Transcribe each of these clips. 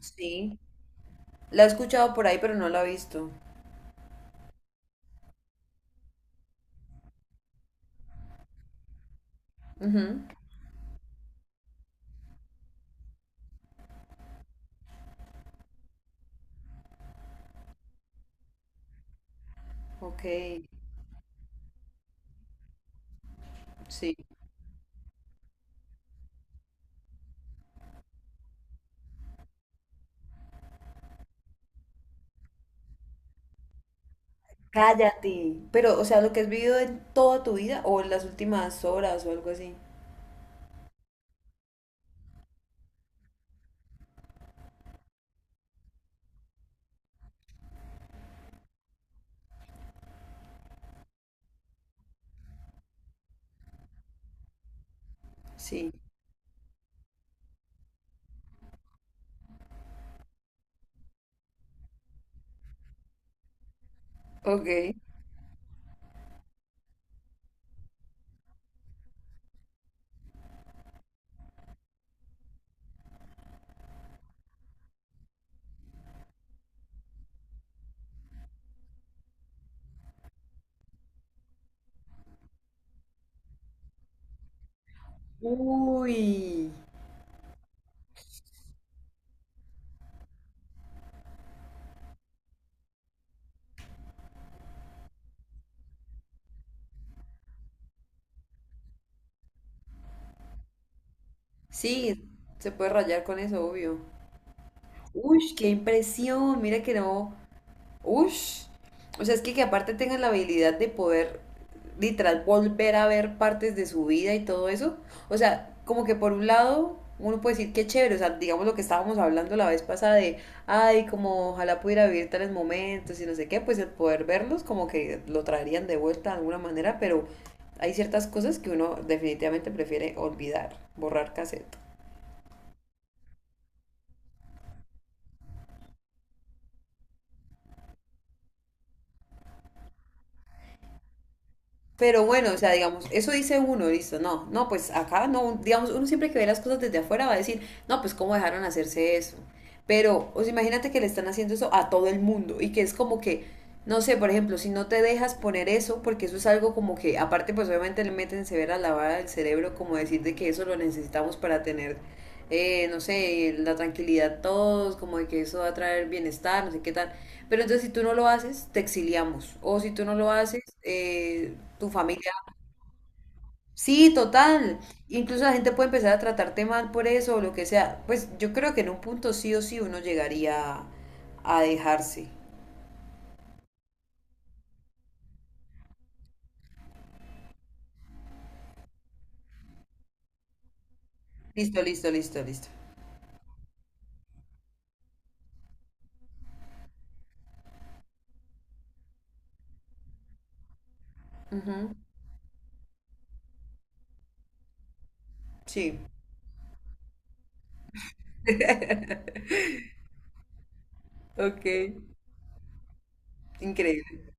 Sí, la he escuchado por ahí, pero no la he visto. Ujú. Ok, sí. Cállate. Pero, o sea, lo que has vivido en toda tu vida o en las últimas horas o algo así. Sí, ok. Uy, sí, se puede rayar con eso, obvio. Uy, qué impresión. Mira que no. Ush. O sea, es que aparte tengan la habilidad de poder literal volver a ver partes de su vida y todo eso. O sea, como que por un lado uno puede decir que chévere, o sea, digamos lo que estábamos hablando la vez pasada de, ay, como ojalá pudiera vivir tales momentos y no sé qué, pues el poder verlos como que lo traerían de vuelta de alguna manera, pero hay ciertas cosas que uno definitivamente prefiere olvidar, borrar cassette. Pero bueno, o sea, digamos, eso dice uno, listo, no, no, pues acá no, digamos, uno siempre que ve las cosas desde afuera va a decir, no, pues cómo dejaron hacerse eso. Pero, o sea, imagínate que le están haciendo eso a todo el mundo y que es como que, no sé, por ejemplo, si no te dejas poner eso, porque eso es algo como que, aparte, pues obviamente le meten severa lavada del cerebro, como decir de que eso lo necesitamos para tener, no sé, la tranquilidad todos, como de que eso va a traer bienestar, no sé qué tal. Pero entonces si tú no lo haces, te exiliamos. O si tú no lo haces, tu familia... Sí, total. Incluso la gente puede empezar a tratarte mal por eso o lo que sea. Pues yo creo que en un punto sí o sí uno llegaría a dejarse. Listo, listo, listo, listo. Ujú. Sí. Ok. Increíble.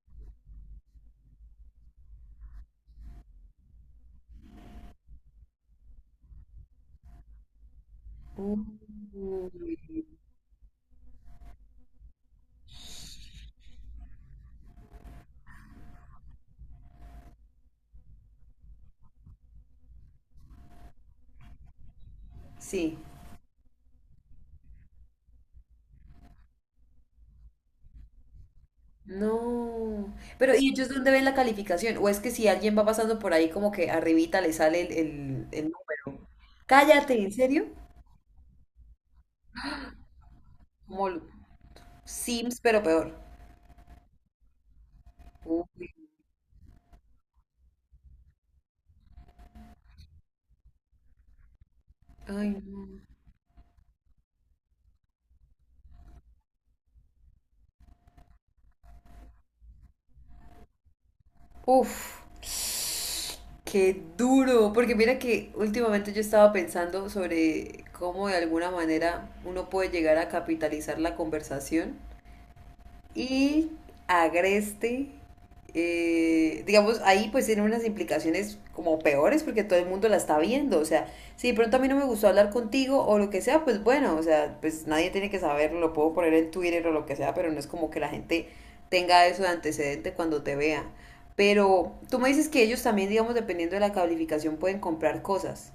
Uy. Sí. No. Pero, ¿y ellos dónde ven la calificación? ¿O es que si alguien va pasando por ahí como que arribita le sale el número? Cállate, ¿en serio? Como el Sims, pero peor. Uy, ay, no. Uf. Qué duro, porque mira que últimamente yo estaba pensando sobre cómo de alguna manera uno puede llegar a capitalizar la conversación y agreste. Digamos, ahí pues tiene unas implicaciones como peores porque todo el mundo la está viendo. O sea, si de pronto a mí no me gustó hablar contigo o lo que sea, pues bueno, o sea, pues nadie tiene que saberlo, lo puedo poner en Twitter o lo que sea, pero no es como que la gente tenga eso de antecedente cuando te vea. Pero tú me dices que ellos también, digamos, dependiendo de la calificación, pueden comprar cosas.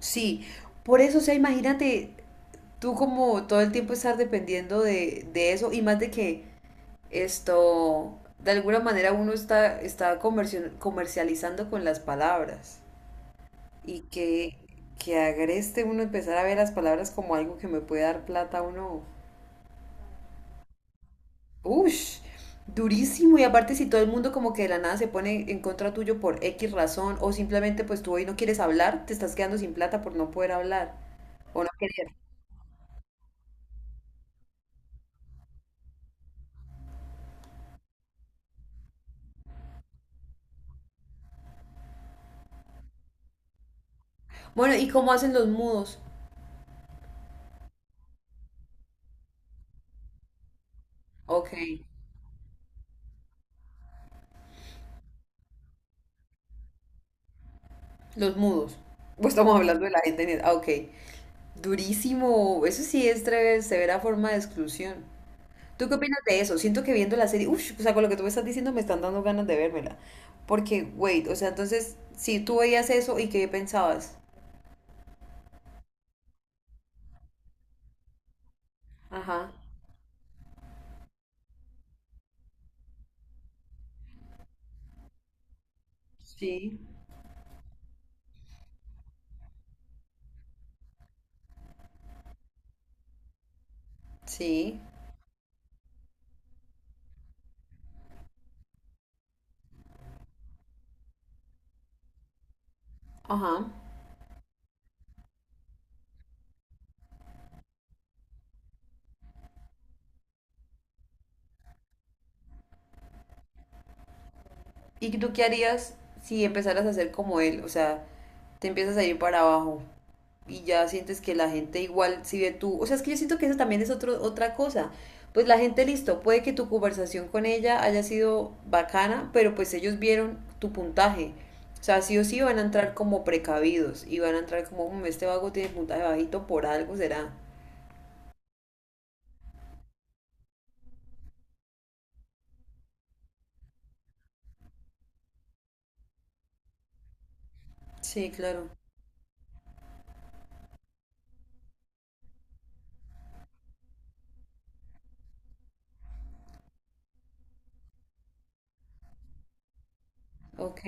Sí, por eso, o sea, imagínate tú como todo el tiempo estar dependiendo de eso y más de que esto, de alguna manera uno está comercializando con las palabras y que agreste uno empezar a ver las palabras como algo que me puede dar plata a uno. ¡Ush! Durísimo. Y aparte si todo el mundo como que de la nada se pone en contra tuyo por X razón o simplemente pues tú hoy no quieres hablar, te estás quedando sin plata por no poder hablar o no querer. Bueno, ¿y cómo hacen los mudos? Ok, los mudos. Pues estamos hablando de la gente. En ah, ok. Durísimo, eso sí es severa forma de exclusión. ¿Tú qué opinas de eso? Siento que viendo la serie, uff, o sea, con lo que tú me estás diciendo me están dando ganas de vérmela. Porque, wait, o sea, entonces, si tú veías eso y qué pensabas. Ajá. Sí. Sí. Ajá. ¿Y tú qué harías si empezaras a ser como él? O sea, te empiezas a ir para abajo. Y ya sientes que la gente igual si ve tú, o sea, es que yo siento que eso también es otro, otra cosa. Pues la gente, listo, puede que tu conversación con ella haya sido bacana, pero pues ellos vieron tu puntaje. O sea, sí o sí van a entrar como precavidos y van a entrar como, "Mm, este vago tiene puntaje bajito por algo, será. Sí, claro. Ok.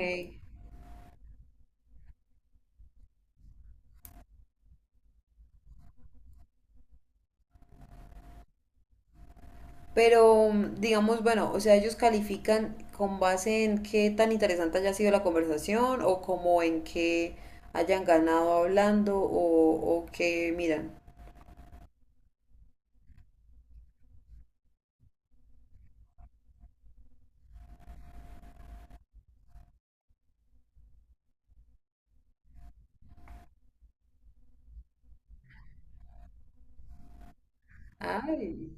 Pero digamos, bueno, o sea, ellos califican con base en qué tan interesante haya sido la conversación o como en qué hayan ganado hablando o qué miran. Ay,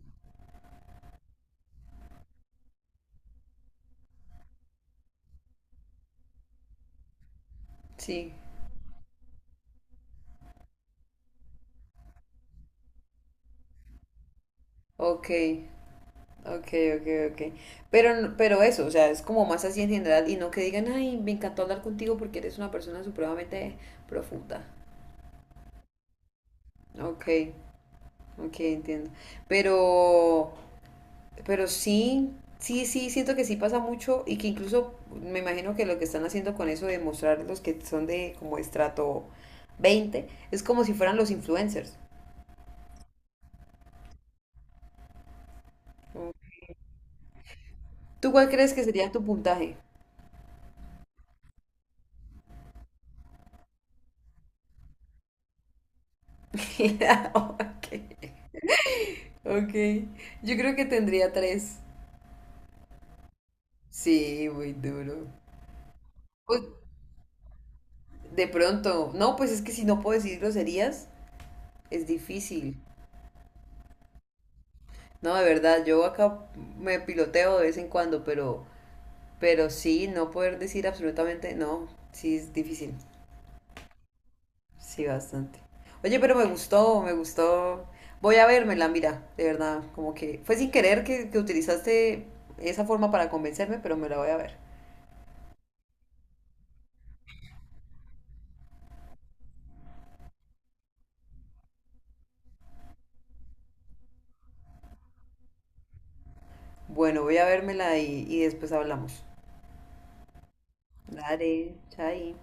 sí, ok, ok, ok, ok. Pero, pero eso, o sea, es como más así en general y no que digan, ay, me encantó hablar contigo porque eres una persona supremamente profunda. Ok, ok, entiendo. Pero... Pero sí, sí, sí, siento que sí pasa mucho y que incluso me imagino que lo que están haciendo con eso de mostrar los que son de como estrato 20 es como si fueran los influencers. ¿Tú cuál crees que sería tu puntaje? Ok, ok. Yo creo que tendría tres. Sí, muy duro. Pues de pronto, no, pues es que si no puedo decir groserías, es difícil. No, de verdad, yo acá me piloteo de vez en cuando, pero sí, no poder decir absolutamente no, sí es difícil. Sí, bastante. Oye, pero me gustó, me gustó. Voy a vérmela, mira, de verdad, como que fue sin querer que utilizaste esa forma para convencerme, pero me la voy a ver. Bueno, voy a vérmela y después hablamos. Dale, chai.